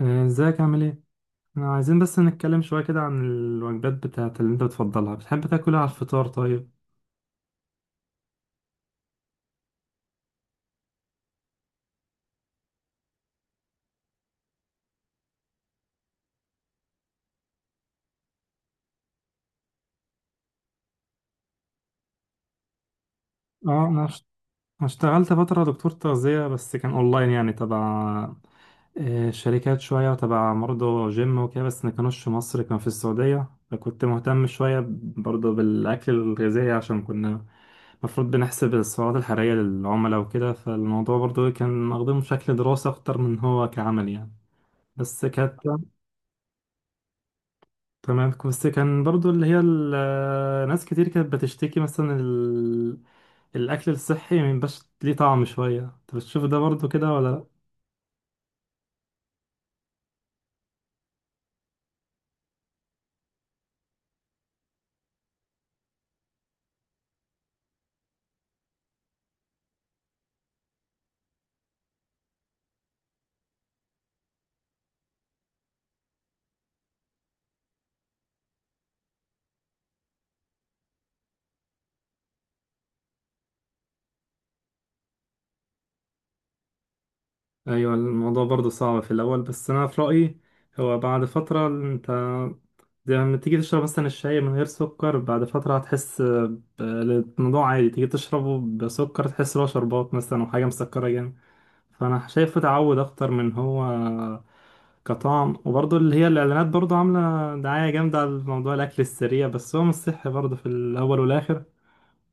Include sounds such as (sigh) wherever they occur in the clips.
ازيك عامل ايه؟ احنا عايزين بس نتكلم شوية كده عن الوجبات بتاعت اللي انت بتفضلها، بتحب تاكلها على الفطار طيب؟ اه انا اش- أنا اشتغلت فترة دكتور تغذية، بس كان اونلاين يعني تبع شركات شوية، وتبع برضه جيم وكده، بس ما كانوش في مصر، كان في السعودية. فكنت مهتم شوية برضه بالأكل الغذائي، عشان كنا المفروض بنحسب السعرات الحرارية للعملاء وكده. فالموضوع برضه كان واخدينه بشكل دراسة أكتر من هو كعمل يعني. بس كانت تمام. بس كان برضو اللي هي ال- ناس كتير كانت بتشتكي مثلا ال... الأكل الصحي ميبقاش ليه طعم شوية، انت بتشوف ده برضو كده ولا لأ؟ أيوة الموضوع برضو صعب في الأول، بس أنا في رأيي هو بعد فترة انت زي لما تيجي تشرب مثلا الشاي من غير سكر، بعد فترة هتحس ب- الموضوع عادي، تيجي تشربه بسكر تحس إن هو شربات مثلا أو حاجة مسكرة جامد. فانا شايفه تعود اكتر من هو كطعم. وبرضه اللي هي الاعلانات برضه عامله دعايه جامده على موضوع الاكل السريع، بس هو مش صحي برضه في الاول والاخر.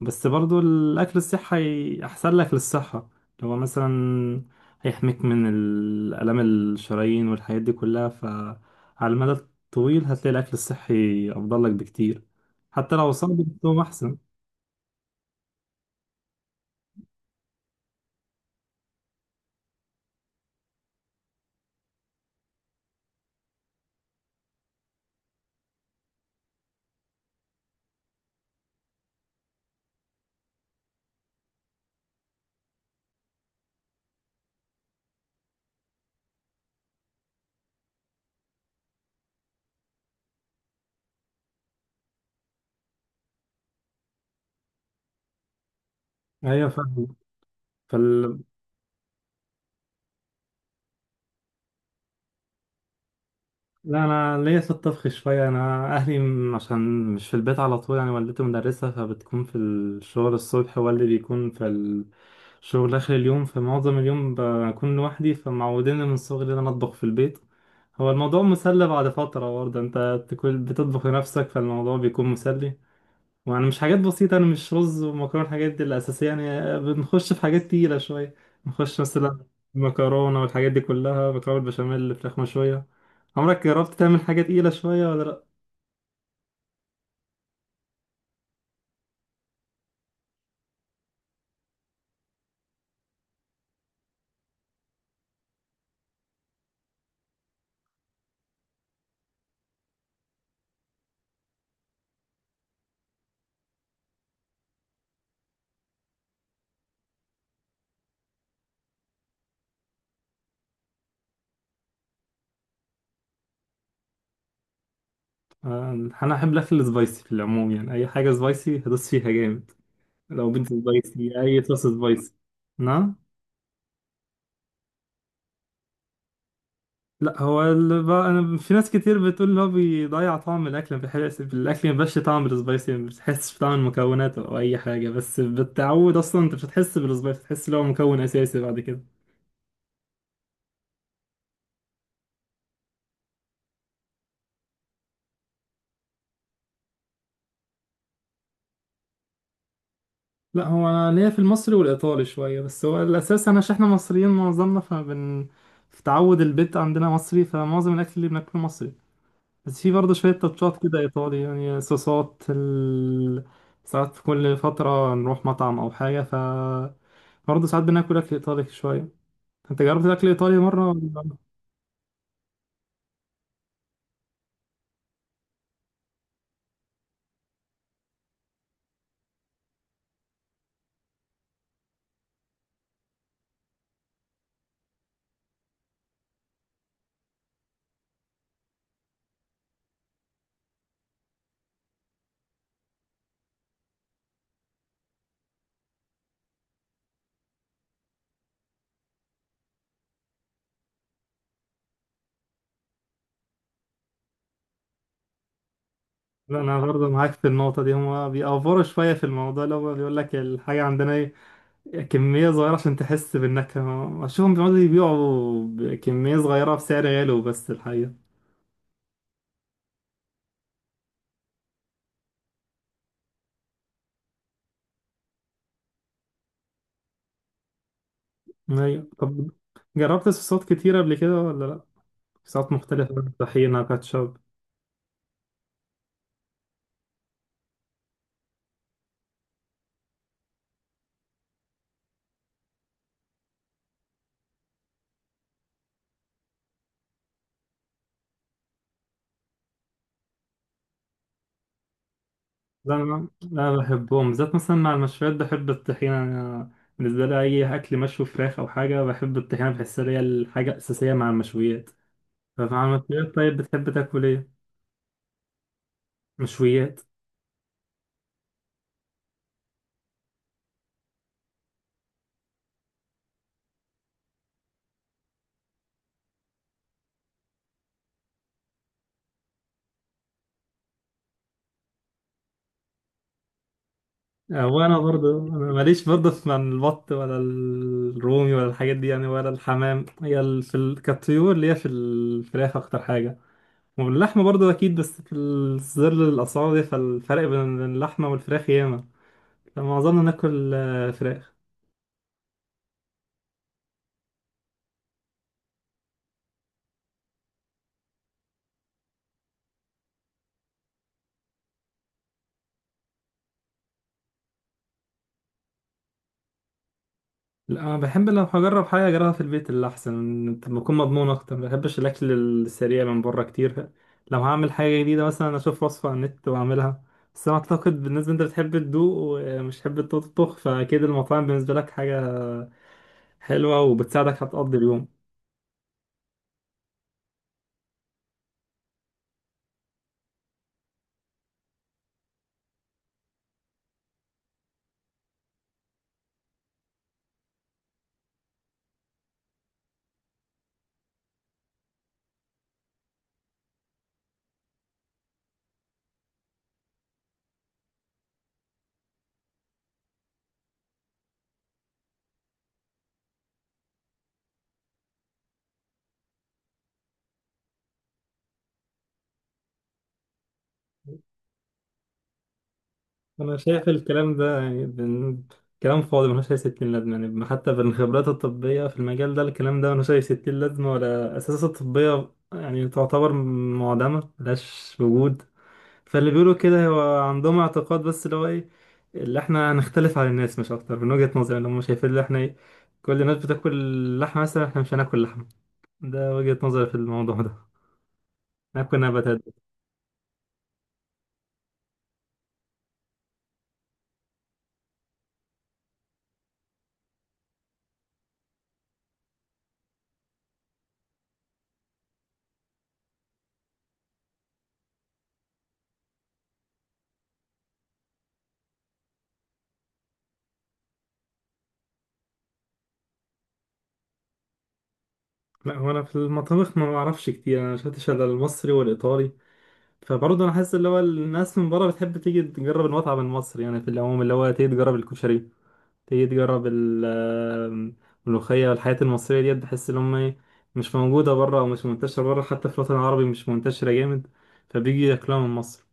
بس برضه الاكل الصحي احسن لك للصحه، اللي هو مثلا هيحميك من الالام الشرايين والحاجات دي كلها. فعلى المدى الطويل هتلاقي الاكل الصحي افضل لك بكتير، حتى لو صعب بس هو احسن. ايوه فاهم. لا انا ليا في الطبخ شويه. انا اهلي م- عشان مش في البيت على طول يعني، والدتي مدرسه فبتكون في الشغل الصبح، والدي بيكون في الشغل اخر اليوم، فمعظم اليوم بكون لوحدي، فمعودين من صغري ان انا اطبخ في البيت. هو الموضوع مسلي بعد فتره، برضه انت بتكون بتطبخ لنفسك، فالموضوع بيكون مسلي. وانا مش حاجات بسيطة، انا مش رز ومكرونة الحاجات دي الأساسية يعني، بنخش في حاجات تقيلة شوية. نخش مثلا مكرونة، والحاجات دي كلها، مكرونة بالبشاميل، فراخ مشوية. عمرك جربت تعمل حاجة تقيلة شوية ولا لأ؟ آه، أنا أحب الأكل السبايسي في العموم، يعني أي حاجة سبايسي هدوس فيها جامد. لو بنت سبايسي، أي صوص سبايسي. نعم. لا هو ال... ب- انا في ناس كتير بتقول ان هو بيضيع طعم الاكل، ما بيحس الاكل ما بيبقاش طعم السبايسي، ما بتحسش بطعم المكونات او اي حاجه. بس بالتعود اصلا انت مش هتحس بالسبايسي، تحس ان هو مكون اساسي بعد كده. لا هو انا ليا في المصري والايطالي شويه، بس هو الاساس انا عشان احنا مصريين معظمنا فبن في تعود البيت عندنا مصري، فمعظم الاكل اللي بناكله مصري. بس في برضه شوية تاتشات كده إيطالي، يعني صوصات ال... ساعات في كل فترة نروح مطعم أو حاجة، ف برضه ساعات بناكل أكل إيطالي شوية. أنت جربت أكل إيطالي مرة؟ ولا- لا أنا برضه معاك في النقطة دي. هما بيأفوروا شوية في الموضوع، اللي هو بيقول لك الحاجة عندنا إيه، كمية صغيرة عشان تحس بالنكهة. أشوفهم بيقعدوا يبيعوا بكمية صغيرة بسعر غالي، بس الحقيقة أيوة طب جربت صوصات كتيرة قبل كده ولا لأ؟ صوصات مختلفة، طحينة، كاتشب. لا أنا لا بحبهم بالذات، مثلا مع المشويات بحب الطحينة أنا. بالنسبة لي أي أكل مشوي، فراخ أو حاجة، بحب الطحينة، بحسها هي الحاجة الأساسية مع المشويات. فمع المشويات طيب بتحب تاكل إيه؟ مشويات. وأنا برضه أنا ماليش برضه في من البط ولا الرومي ولا الحاجات دي يعني، ولا الحمام. هي ال- في ال- كالطيور اللي هي في الفراخ أكتر حاجة. واللحمة برضه أكيد، بس في الظل الأسعار دي، فالفرق بين اللحمة والفراخ ياما، فمعظمنا ناكل فراخ. لا انا بحب لو هجرب حاجه اجربها في البيت، اللي احسن طب بكون مضمون اكتر، ما بحبش الاكل السريع من بره كتير. لو هعمل حاجه جديده مثلا اشوف وصفه على النت واعملها. بس انا اعتقد بالنسبه انت بتحب تدوق ومش تحب تطبخ، فاكيد المطاعم بالنسبه لك حاجه حلوه وبتساعدك هتقضي اليوم. انا شايف الكلام ده يعني بن... كلام فاضي ملوش اي ستين لازمه يعني، حتى بالخبرات الطبيه في المجال ده الكلام ده ملوش اي ستين لازمه، ولا اساسات الطبيه يعني تعتبر معدمه ملهاش وجود. فاللي بيقولوا كده هو عندهم اعتقاد، بس اللي هو ايه اللي احنا هنختلف عن الناس مش اكتر، من وجهة نظري اللي هم شايفين اللي احنا ايه، كل الناس بتاكل لحمة مثلا احنا مش هناكل لحمة. ده وجهة نظري في الموضوع ده، ناكل نباتات. لا هو انا في المطابخ ما بعرفش كتير، انا شفتش الا المصري والايطالي. فبرضه انا حاسس اللي هو الناس من بره بتحب تيجي تجرب المطعم المصري يعني، في العموم اللي هو تيجي تجرب الكشري، تيجي تجرب ال- آم، الملوخية والحياة المصرية ديت، بحس إن هما مش موجودة بره أو مش منتشرة بره، حتى في الوطن العربي مش منتشرة جامد، فبيجي ياكلوها من مصر.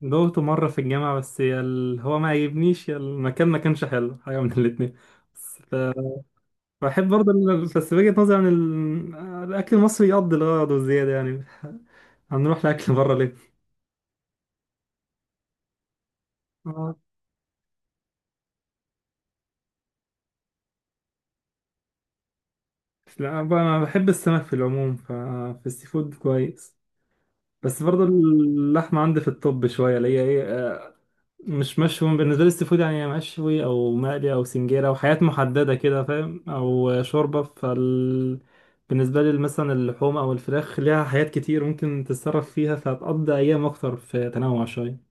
دوقته مرة في الجامعة، بس يا ال- هو ما عجبنيش، يا المكان ما كانش حلو حاجة من (laughs) الاتنين. بس ف- بحب برضه ال- بس وجهة نظري عن ال- الأكل المصري يقضي الغرض والزيادة يعني (laughs) هنروح لأكل بره ليه؟ آه. لا بقى أنا بحب السمك في العموم، ففي السي فود كويس. بس برضه اللحمة عندي في الطب شوية اللي هي ايه مش مشوي. بالنسبة لي السي فود يعني يا مشوي أو مقلي أو سنجيرة أو حاجات محددة كده فاهم، أو شوربة فال. بالنسبة لي مثلا اللحوم أو الفراخ ليها حاجات كتير ممكن تتصرف فيها، فهتقضي أيام أكتر في تنوع شوية.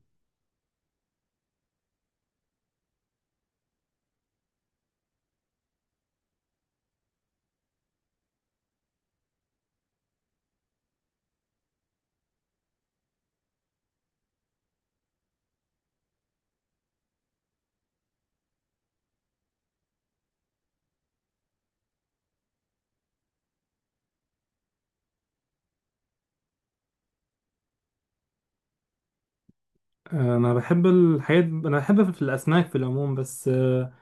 أنا بحب الحاجات، أنا بحب في الأسماك في العموم، بس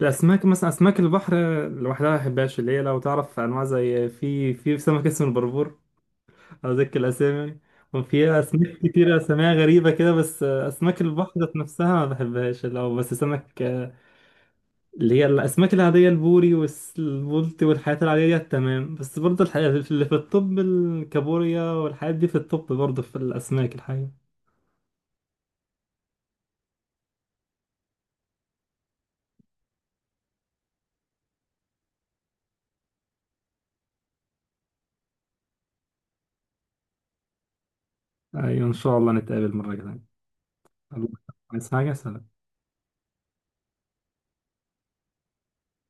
الأسماك مثلا أسماك البحر لوحدها ما بحبهاش، اللي هي لو تعرف أنواع زي في سمك اسمه البربور، أذكر الأسامي يعني. وفي أسماك كتير أساميها غريبة كده، بس أسماك البحر ذات نفسها ما بحبهاش لو بس سمك. اللي هي الأسماك العادية البوري والبولتي والحاجات العادية دي تمام. بس برضه الحقيقة اللي في الطب الكابوريا والحاجات دي في الطب برضه، في الأسماك الحقيقة. أيوة إن شاء الله نتقابل مرة تانية. الله. عايز حاجة؟ سلام.